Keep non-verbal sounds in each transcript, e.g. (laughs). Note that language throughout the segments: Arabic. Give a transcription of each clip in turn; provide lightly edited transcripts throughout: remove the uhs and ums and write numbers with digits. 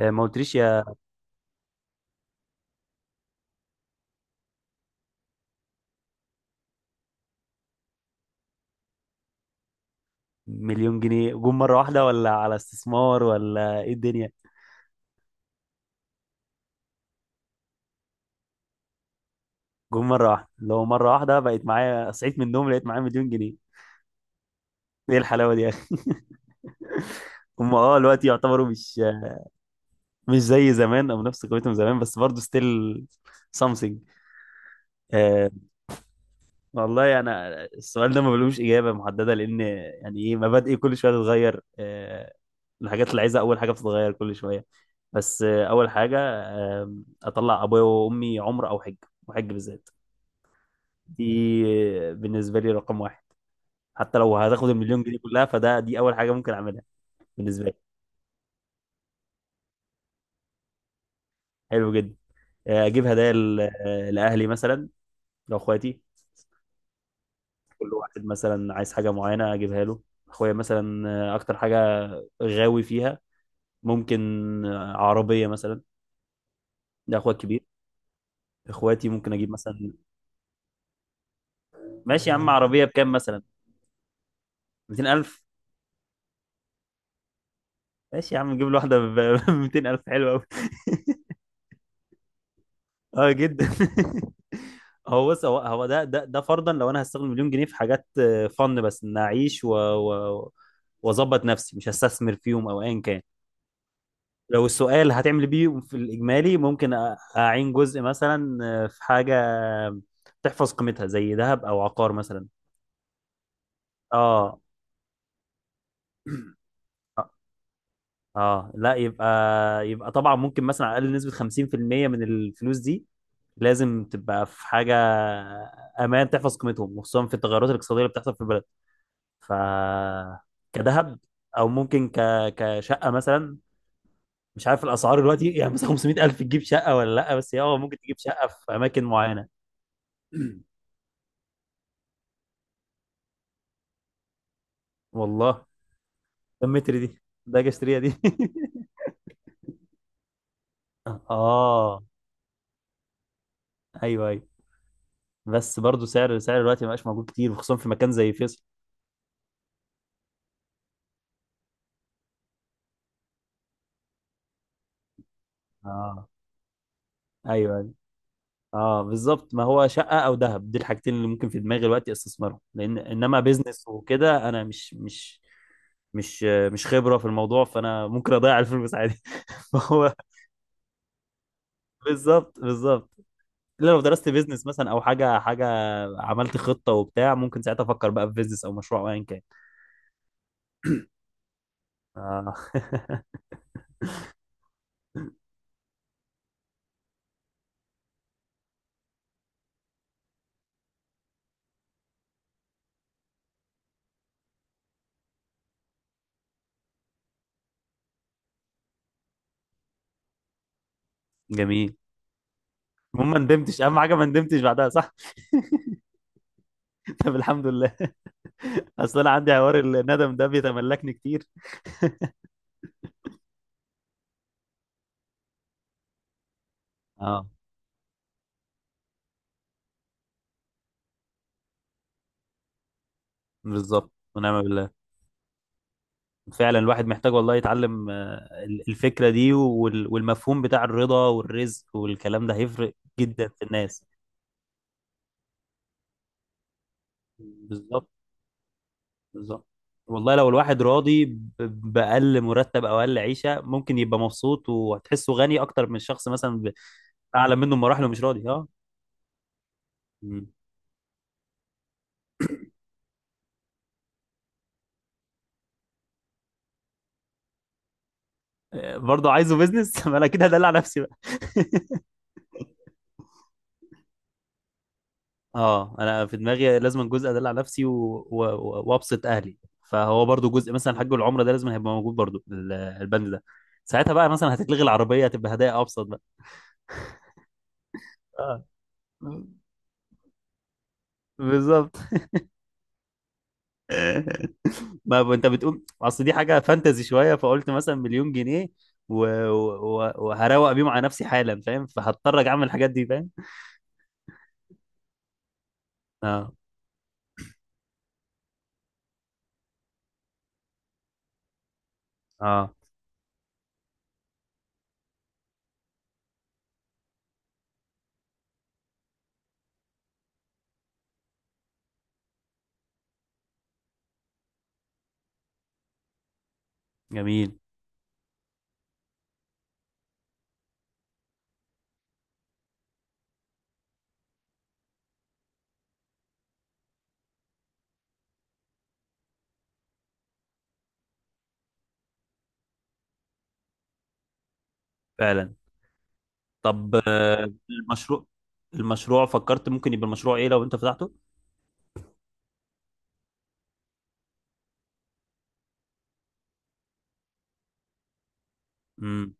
آه، ما قلتليش يا. مليون جنيه جم مرة واحدة، ولا على استثمار، ولا ايه الدنيا؟ جم مرة واحدة. لو مرة واحدة بقيت معايا، صحيت من النوم لقيت معايا مليون جنيه، ايه الحلاوة دي يا اخي؟ (laughs) هم اه دلوقتي يعتبروا مش زي زمان او نفس قيمتهم زمان، بس برضه ستيل something. آه. والله انا السؤال ده ما بلوش اجابه محدده، لان يعني ايه، مبادئي كل شويه تتغير. الحاجات اللي عايزها اول حاجه بتتغير كل شويه. بس اول حاجه اطلع ابويا وامي عمره او حج، وحج بالذات. دي بالنسبة لي رقم واحد، حتى لو هتاخد المليون جنيه كلها فده، دي أول حاجة ممكن أعملها بالنسبة لي. حلو جدا. أجيب هدايا لأهلي مثلا، لأخواتي. كل واحد مثلا عايز حاجة معينة أجيبها له. أخويا مثلا أكتر حاجة غاوي فيها، ممكن عربية مثلا، ده أخويا الكبير. إخواتي ممكن أجيب مثلا. ماشي يا عم، عربية بكام مثلا؟ 200,000. ماشي يا عم، نجيب له واحدة ب (laughs) 200,000، حلوة أوي. (laughs) اه جدا. (laughs) هو بص هو هو ده فرضا لو انا هستخدم مليون جنيه في حاجات، فن بس ان اعيش واظبط نفسي، مش هستثمر فيهم او ايا كان. لو السؤال هتعمل بيه في الاجمالي، ممكن اعين جزء مثلا في حاجه تحفظ قيمتها زي ذهب او عقار مثلا. اه. اه. آه، لا، يبقى يبقى طبعا ممكن مثلا على الاقل نسبه 50% من الفلوس دي لازم تبقى في حاجه امان تحفظ قيمتهم، وخصوصا في التغيرات الاقتصاديه اللي بتحصل في البلد. ف كدهب. او ممكن كشقه مثلا. مش عارف الاسعار دلوقتي، يعني مثلا 500,000 تجيب شقه ولا لا؟ بس هي اه ممكن تجيب شقه في اماكن معينه. (clears throat) والله. كم متر دي؟ ده اجي اشتريها دي. (laughs) اه. ايوه ايوه، بس برضو سعر دلوقتي ما بقاش موجود كتير، وخصوصا في مكان زي فيصل. اه، ايوه ايوه. اه بالظبط، ما هو شقه او ذهب دي الحاجتين اللي ممكن في دماغي دلوقتي استثمرهم، لان انما بيزنس وكده انا مش مش خبره في الموضوع، فانا ممكن اضيع الفلوس عادي. (laughs) فهو بالظبط بالظبط. الا لو درست بيزنس مثلا او حاجه عملت خطه وبتاع، ممكن ساعتها افكر بقى في بيزنس او مشروع او ايا كان. آه. (laughs) جميل. المهم ما ندمتش، اهم حاجه ما ندمتش بعدها، صح؟ (laughs) طب الحمد لله. (laughs) اصل انا عندي حوار الندم ده بيتملكني كتير. اه بالظبط، ونعم بالله. فعلا الواحد محتاج والله يتعلم الفكره دي والمفهوم بتاع الرضا والرزق، والكلام ده هيفرق جدا في الناس. بالظبط. بالظبط. والله لو الواحد راضي بأقل مرتب أو أقل عيشة، ممكن يبقى مبسوط، وهتحسه غني أكتر من شخص مثلا أعلى منه بمراحل ومش راضي. أه. مم. برضه عايزه بيزنس. (laughs) ما أنا كده هدلع نفسي بقى. أه، أنا في دماغي لازم جزء أدلع نفسي وأبسط أهلي، فهو برضه جزء مثلا حج العمرة ده لازم هيبقى موجود برضه البند ده. ساعتها بقى مثلا هتتلغي العربية، هتبقى هدايا أبسط بقى. أه بالظبط. (laughs) ما ب- انت بتقول اصل دي حاجه فانتزي شويه، فقلت مثلا مليون جنيه وهروق بيهم على نفسي حالا، فاهم؟ فهضطر أجي اعمل الحاجات دي، فاهم. اه. اه. جميل. فعلا. طب المشروع، المشروع فكرت ممكن يبقى المشروع ايه لو انت فتحته؟ امم.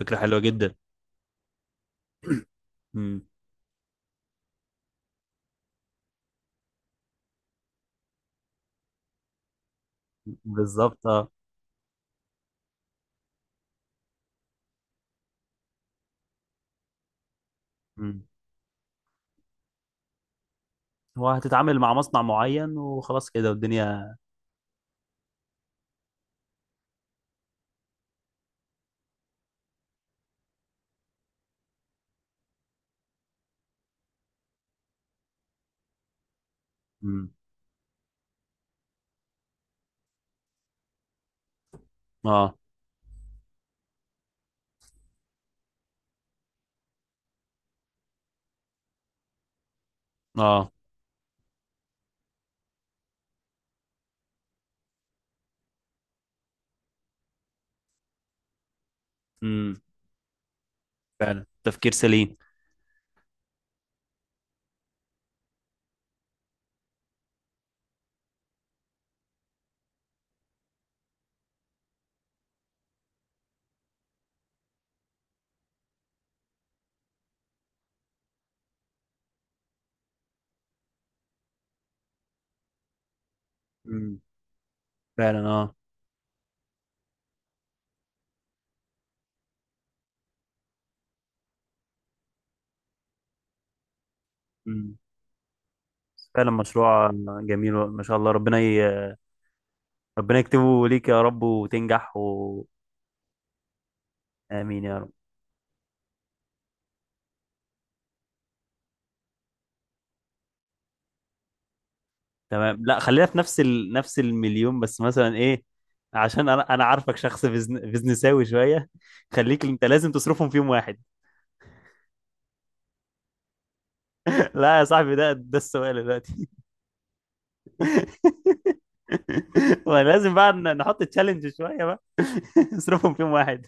فكره حلوه جدا. امم. بالظبط اه. امم. هو هتتعامل مع مصنع معين وخلاص كده والدنيا؟ امم. اه. اه. امم. فعلا تفكير سليم. امم. فعلا اه. فعلا مشروع جميل، ما شاء الله. ربنا يكتبه ليك يا رب، وتنجح امين يا رب. تمام، لا خلينا في نفس نفس المليون، بس مثلا ايه، عشان انا عارفك شخص بزنساوي شويه، خليك انت لازم تصرفهم في يوم واحد. (laughs) لا يا صاحبي، ده السؤال دلوقتي. (laughs) ولازم بقى نحط تشالنج شويه بقى. (laughs) اصرفهم في يوم واحد.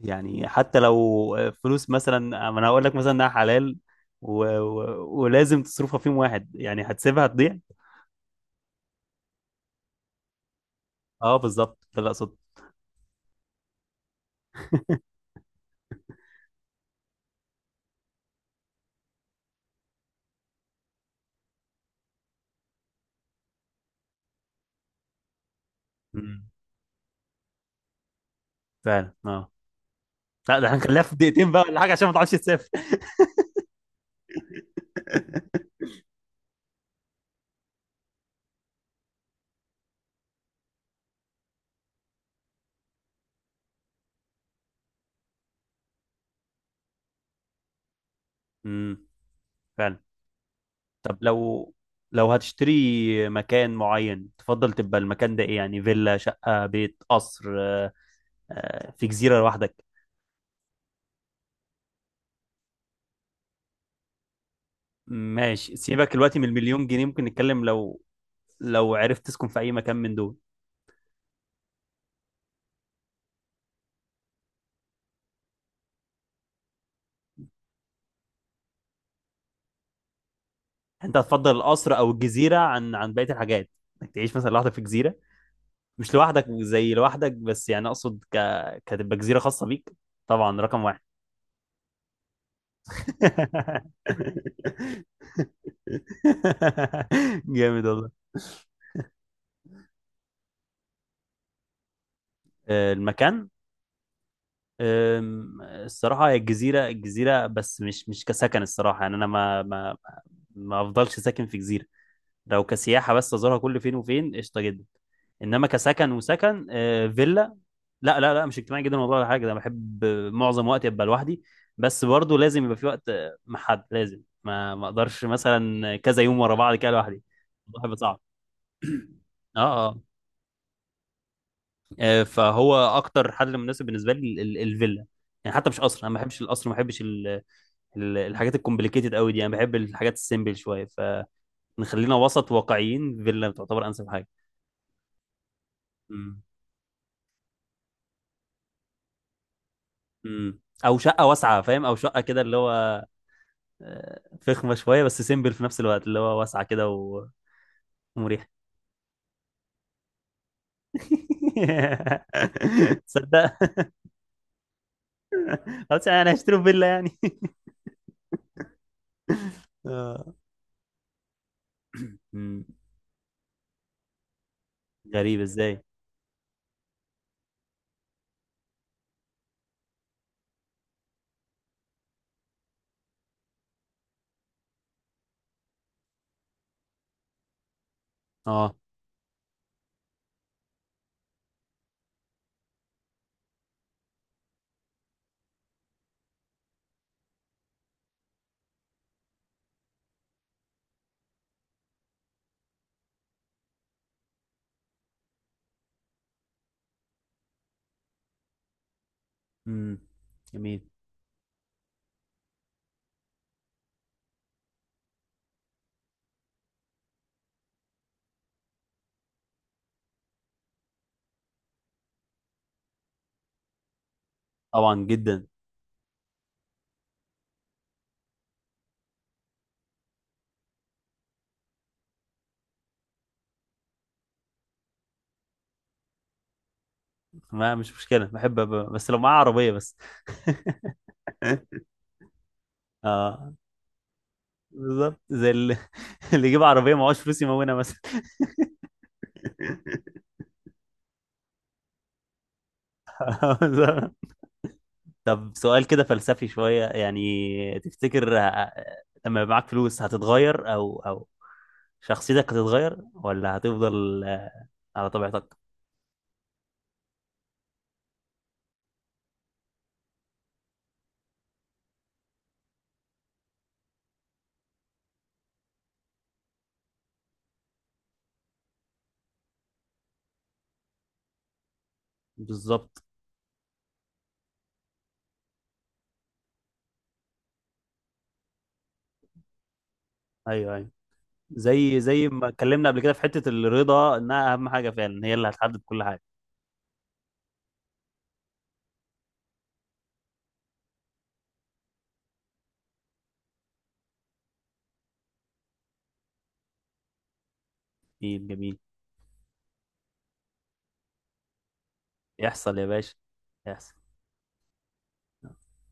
يعني حتى لو فلوس مثلا، ما انا هقول لك مثلا انها حلال ولازم تصرفها في يوم واحد، يعني هتسيبها تضيع؟ اه بالظبط، ده اللي اقصده. امم. فعلا اه. لا ده احنا هنخليها في دقيقتين بقى ولا حاجه، عشان ما تعرفش تسافر. (laughs) امم. فعلا. طب لو لو هتشتري مكان معين تفضل تبقى المكان ده ايه يعني، فيلا، شقه، بيت، قصر، في جزيره لوحدك؟ ماشي سيبك دلوقتي من المليون جنيه، ممكن نتكلم لو، لو عرفت تسكن في اي مكان من دول انت هتفضل القصر او الجزيره عن بقيه الحاجات؟ انك تعيش مثلا لوحدك في جزيره، مش لوحدك زي لوحدك، بس يعني اقصد كتبقى جزيره خاصه بيك. طبعا رقم واحد. (laughs) جامد والله. آه، المكان. آم، الصراحه هي الجزيره، الجزيره بس مش كسكن الصراحه. يعني انا ما ما ما افضلش ساكن في جزيره. لو كسياحة بس أزورها كل فين وفين، قشطة جدا. إنما كسكن، وسكن فيلا. لا لا لا، مش اجتماعي جدا والله ولا حاجة، ده بحب معظم وقتي أبقى لوحدي. بس برضه لازم يبقى في وقت مع حد، لازم، ما ما أقدرش مثلا كذا يوم ورا بعض كده لوحدي، الموضوع هيبقى صعب. اه اه. فهو اكتر حل مناسب بالنسبه لي الفيلا. يعني حتى مش قصر، انا ما بحبش القصر، ما بحبش الحاجات الكومبليكيتد قوي دي، انا بحب الحاجات السيمبل شويه. فنخلينا وسط واقعيين، فيلا تعتبر انسب حاجه. امم. او شقه واسعه، فاهم، او شقه كده اللي هو فخمه شويه بس سيمبل في نفس الوقت، اللي هو واسعه كده ومريحه. (laughs) تصدق. (laughs) خلاص يعني انا هشتري فيلا يعني. (laughs) آه. مم. غريب، ازاي؟ اه. امم. جميل. طبعا جدا. ما مش مشكله، بحب بس لو معاه عربيه بس. (laughs) اه بالظبط، زي اللي، (laughs) اللي يجيب عربيه معهوش فلوس يمونها مثلا. (laughs) آه، بالظبط. طب سؤال كده فلسفي شوية، يعني تفتكر لما يبقى معاك فلوس هتتغير أو شخصيتك هتتغير، ولا هتفضل على طبيعتك؟ بالظبط. أيوه أيوه، زي ما اتكلمنا قبل كده في حتة الرضا، إنها أهم حاجة فعلا، هي اللي هتحدد كل حاجة. جميل، جميل. يحصل يا باشا، يحصل.